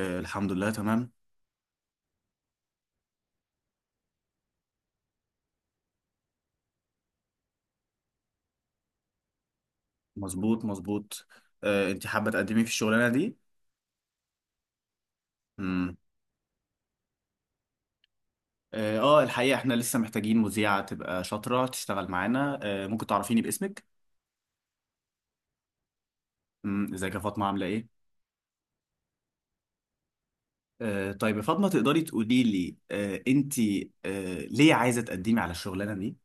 الحمد لله تمام. مظبوط مظبوط. انت حابة تقدمي في الشغلانة دي؟ مم. اه، الحقيقة احنا لسه محتاجين مذيعة تبقى شاطرة تشتغل معانا، ممكن تعرفيني باسمك؟ ازيك يا فاطمة عاملة ايه؟ طيب يا فاطمة، تقدري تقولي لي انت ليه عايزة تقدمي على الشغلانة دي؟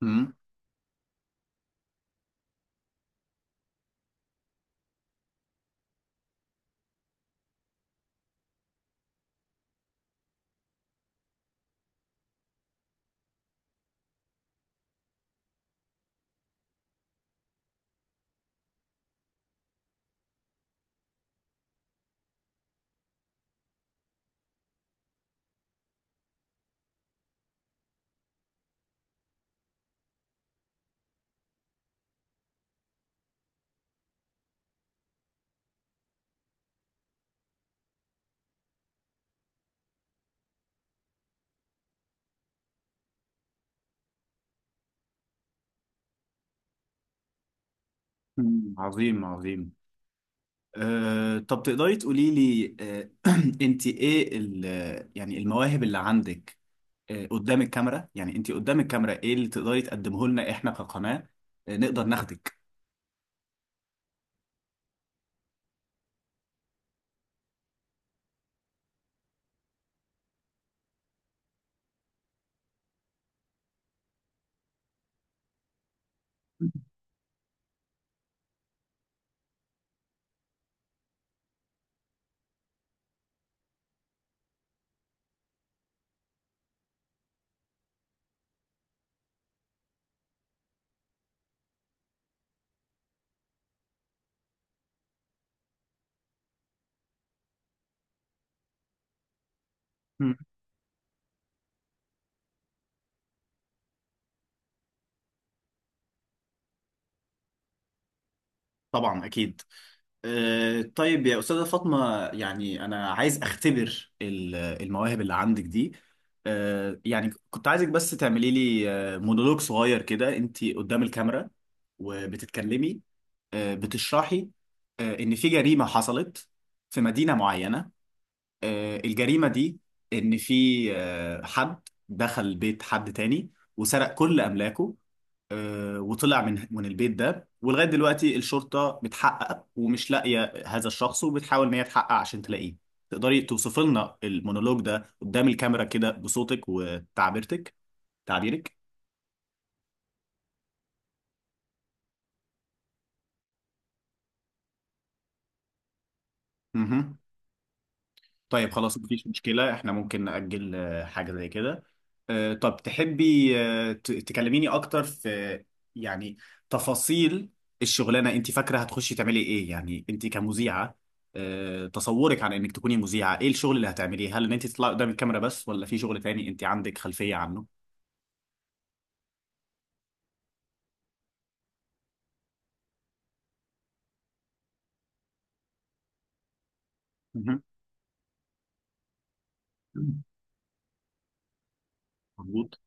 مم. عظيم عظيم. طب تقدري تقولي لي انت ايه يعني المواهب اللي عندك قدام الكاميرا، يعني انت قدام الكاميرا ايه اللي تقدري تقدمه لنا احنا كقناة، نقدر ناخدك؟ مم. طبعا اكيد. طيب يا أستاذة فاطمة، يعني أنا عايز أختبر المواهب اللي عندك دي. يعني كنت عايزك بس تعملي لي مونولوج صغير كده، أنت قدام الكاميرا وبتتكلمي، بتشرحي إن في جريمة حصلت في مدينة معينة. الجريمة دي إن في حد دخل بيت حد تاني وسرق كل أملاكه، وطلع من البيت ده، ولغاية دلوقتي الشرطة بتحقق ومش لاقية هذا الشخص وبتحاول إن هي تحقق عشان تلاقيه. تقدري توصفي لنا المونولوج ده قدام الكاميرا كده بصوتك وتعبيرتك، تعبيرك؟ مهم. طيب، خلاص، مفيش مشكلة، احنا ممكن نأجل حاجة زي كده. طب تحبي تكلميني أكتر في يعني تفاصيل الشغلانة؟ أنت فاكرة هتخشي تعملي إيه يعني أنت كمذيعة؟ تصورك عن إنك تكوني مذيعة، إيه الشغل اللي هتعمليه؟ هل إن أنت تطلعي قدام الكاميرا بس ولا في شغل تاني أنت عندك خلفية عنه؟ مهم. مظبوط.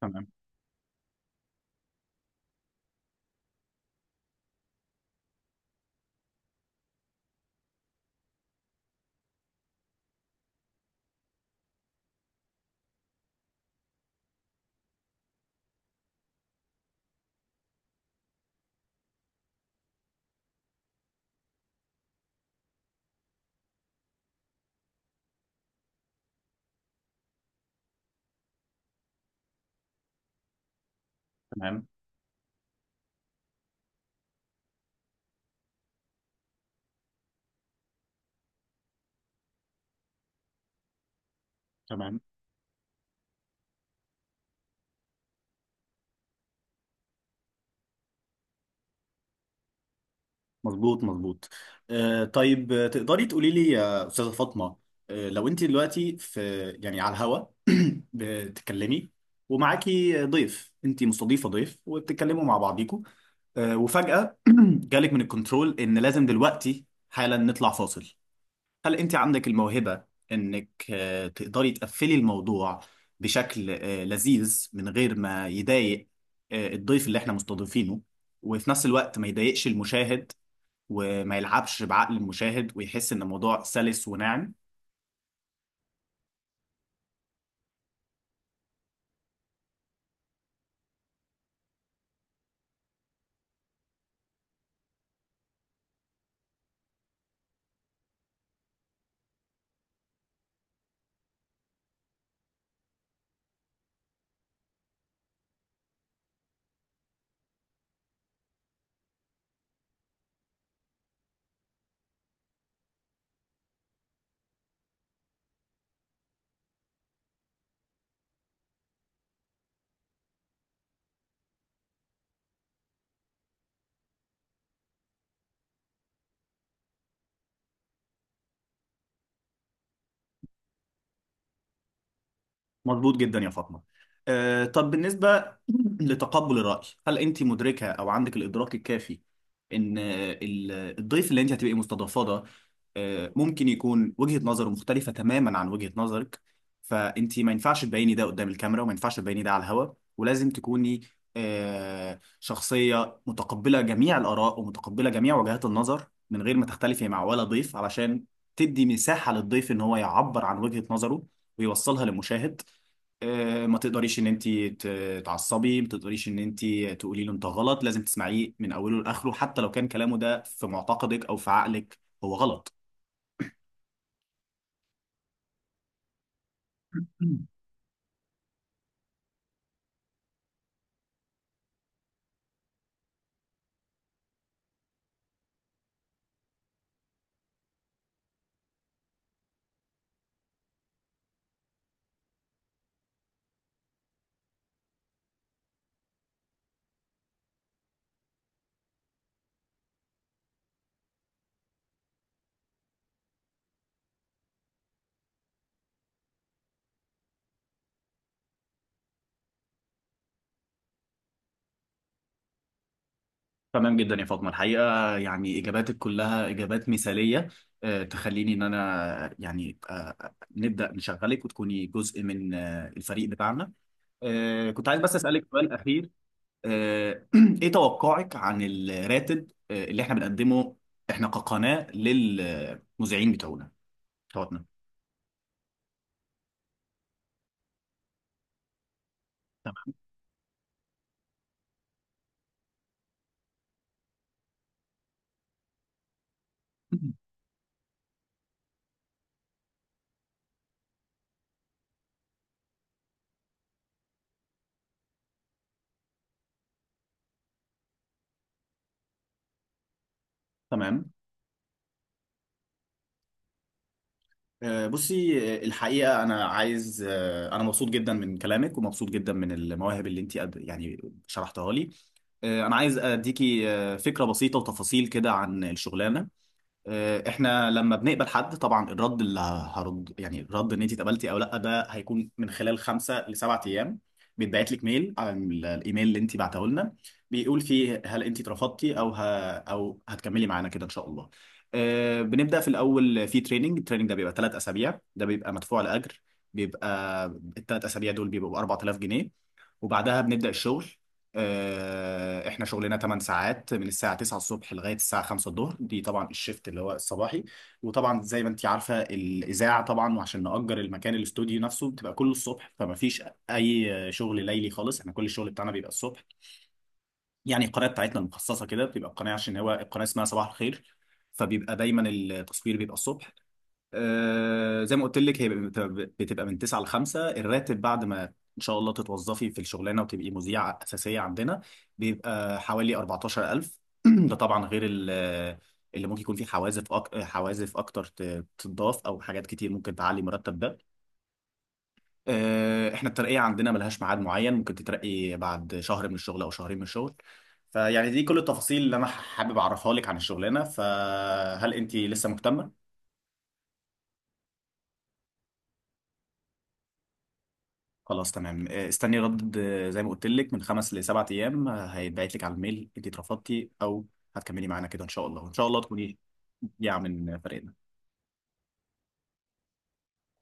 تمام تمام تمام. مظبوط مظبوط. طيب، تقدري تقولي لي يا أستاذة فاطمة، لو أنت دلوقتي في يعني على الهوا بتتكلمي ومعاكي ضيف، أنت مستضيفة ضيف وبتتكلموا مع بعضيكوا، وفجأة جالك من الكنترول إن لازم دلوقتي حالا نطلع فاصل، هل أنت عندك الموهبة إنك تقدري تقفلي الموضوع بشكل لذيذ من غير ما يضايق الضيف اللي إحنا مستضيفينه، وفي نفس الوقت ما يضايقش المشاهد وما يلعبش بعقل المشاهد ويحس ان الموضوع سلس وناعم؟ مظبوط جدا يا فاطمه. طب بالنسبه لتقبل الراي، هل انت مدركه او عندك الادراك الكافي ان الضيف اللي انت هتبقي مستضافاه ده ممكن يكون وجهه نظره مختلفه تماما عن وجهه نظرك، فانت ما ينفعش تبيني ده قدام الكاميرا وما ينفعش تبيني ده على الهوا، ولازم تكوني شخصيه متقبله جميع الاراء ومتقبله جميع وجهات النظر من غير ما تختلفي مع ولا ضيف، علشان تدي مساحه للضيف ان هو يعبر عن وجهه نظره ويوصلها للمشاهد. ما تقدريش ان انت تعصبي، ما تقدريش ان انت تقولي له انت غلط، لازم تسمعيه من اوله لاخره حتى لو كان كلامه ده في معتقدك او في عقلك هو غلط. تمام جدا يا فاطمه، الحقيقه يعني اجاباتك كلها اجابات مثاليه، تخليني ان انا يعني نبدا نشغلك وتكوني جزء من الفريق بتاعنا. كنت عايز بس اسالك سؤال اخير. آه، ايه توقعك عن الراتب اللي احنا بنقدمه احنا كقناه للمذيعين بتوعنا توتنهام؟ تمام. تمام. بصي، الحقيقة أنا عايز، أنا مبسوط جدا من كلامك ومبسوط جدا من المواهب اللي أنت يعني شرحتها لي. أنا عايز أديكي فكرة بسيطة وتفاصيل كده عن الشغلانة. احنا لما بنقبل حد طبعا الرد اللي هرد، يعني الرد ان انت اتقبلتي او لا، ده هيكون من خلال 5 ل 7 ايام. بيتبعت لك ميل على الايميل اللي انت بعته لنا، بيقول فيه هل انت اترفضتي او او هتكملي معانا كده ان شاء الله. بنبدا في الاول في التريننج، ده بيبقى 3 اسابيع، ده بيبقى مدفوع لاجر، بيبقى الثلاث اسابيع دول بيبقوا 4000 جنيه. وبعدها بنبدأ الشغل. احنا شغلنا 8 ساعات من الساعة 9 الصبح لغاية الساعة 5 الظهر، دي طبعا الشيفت اللي هو الصباحي. وطبعا زي ما انت عارفة الإذاعة طبعا، وعشان نأجر المكان الاستوديو نفسه بتبقى كله الصبح، فما فيش أي شغل ليلي خالص، احنا كل الشغل بتاعنا بيبقى الصبح. يعني القناة بتاعتنا المخصصة كده بتبقى القناة عشان هو القناة اسمها صباح الخير، فبيبقى دايما التصوير بيبقى الصبح. زي ما قلت لك هي بتبقى من 9 ل 5. الراتب بعد ما ان شاء الله تتوظفي في الشغلانه وتبقي مذيعه اساسيه عندنا بيبقى حوالي 14000. ده طبعا غير اللي ممكن يكون فيه حوازف اكتر تضاف او حاجات كتير ممكن تعلي مرتب ده. احنا الترقيه عندنا ملهاش ميعاد معين، ممكن تترقي بعد شهر من الشغل او شهرين من الشغل. فيعني دي كل التفاصيل اللي انا حابب اعرفها لك عن الشغلانه، فهل انت لسه مهتمه؟ خلاص تمام. استني رد زي ما قلت لك من 5 ل 7 ايام، هيتبعت لك على الميل انت اترفضتي او هتكملي معانا كده ان شاء الله، وان شاء الله تكوني مبدعه من فريقنا.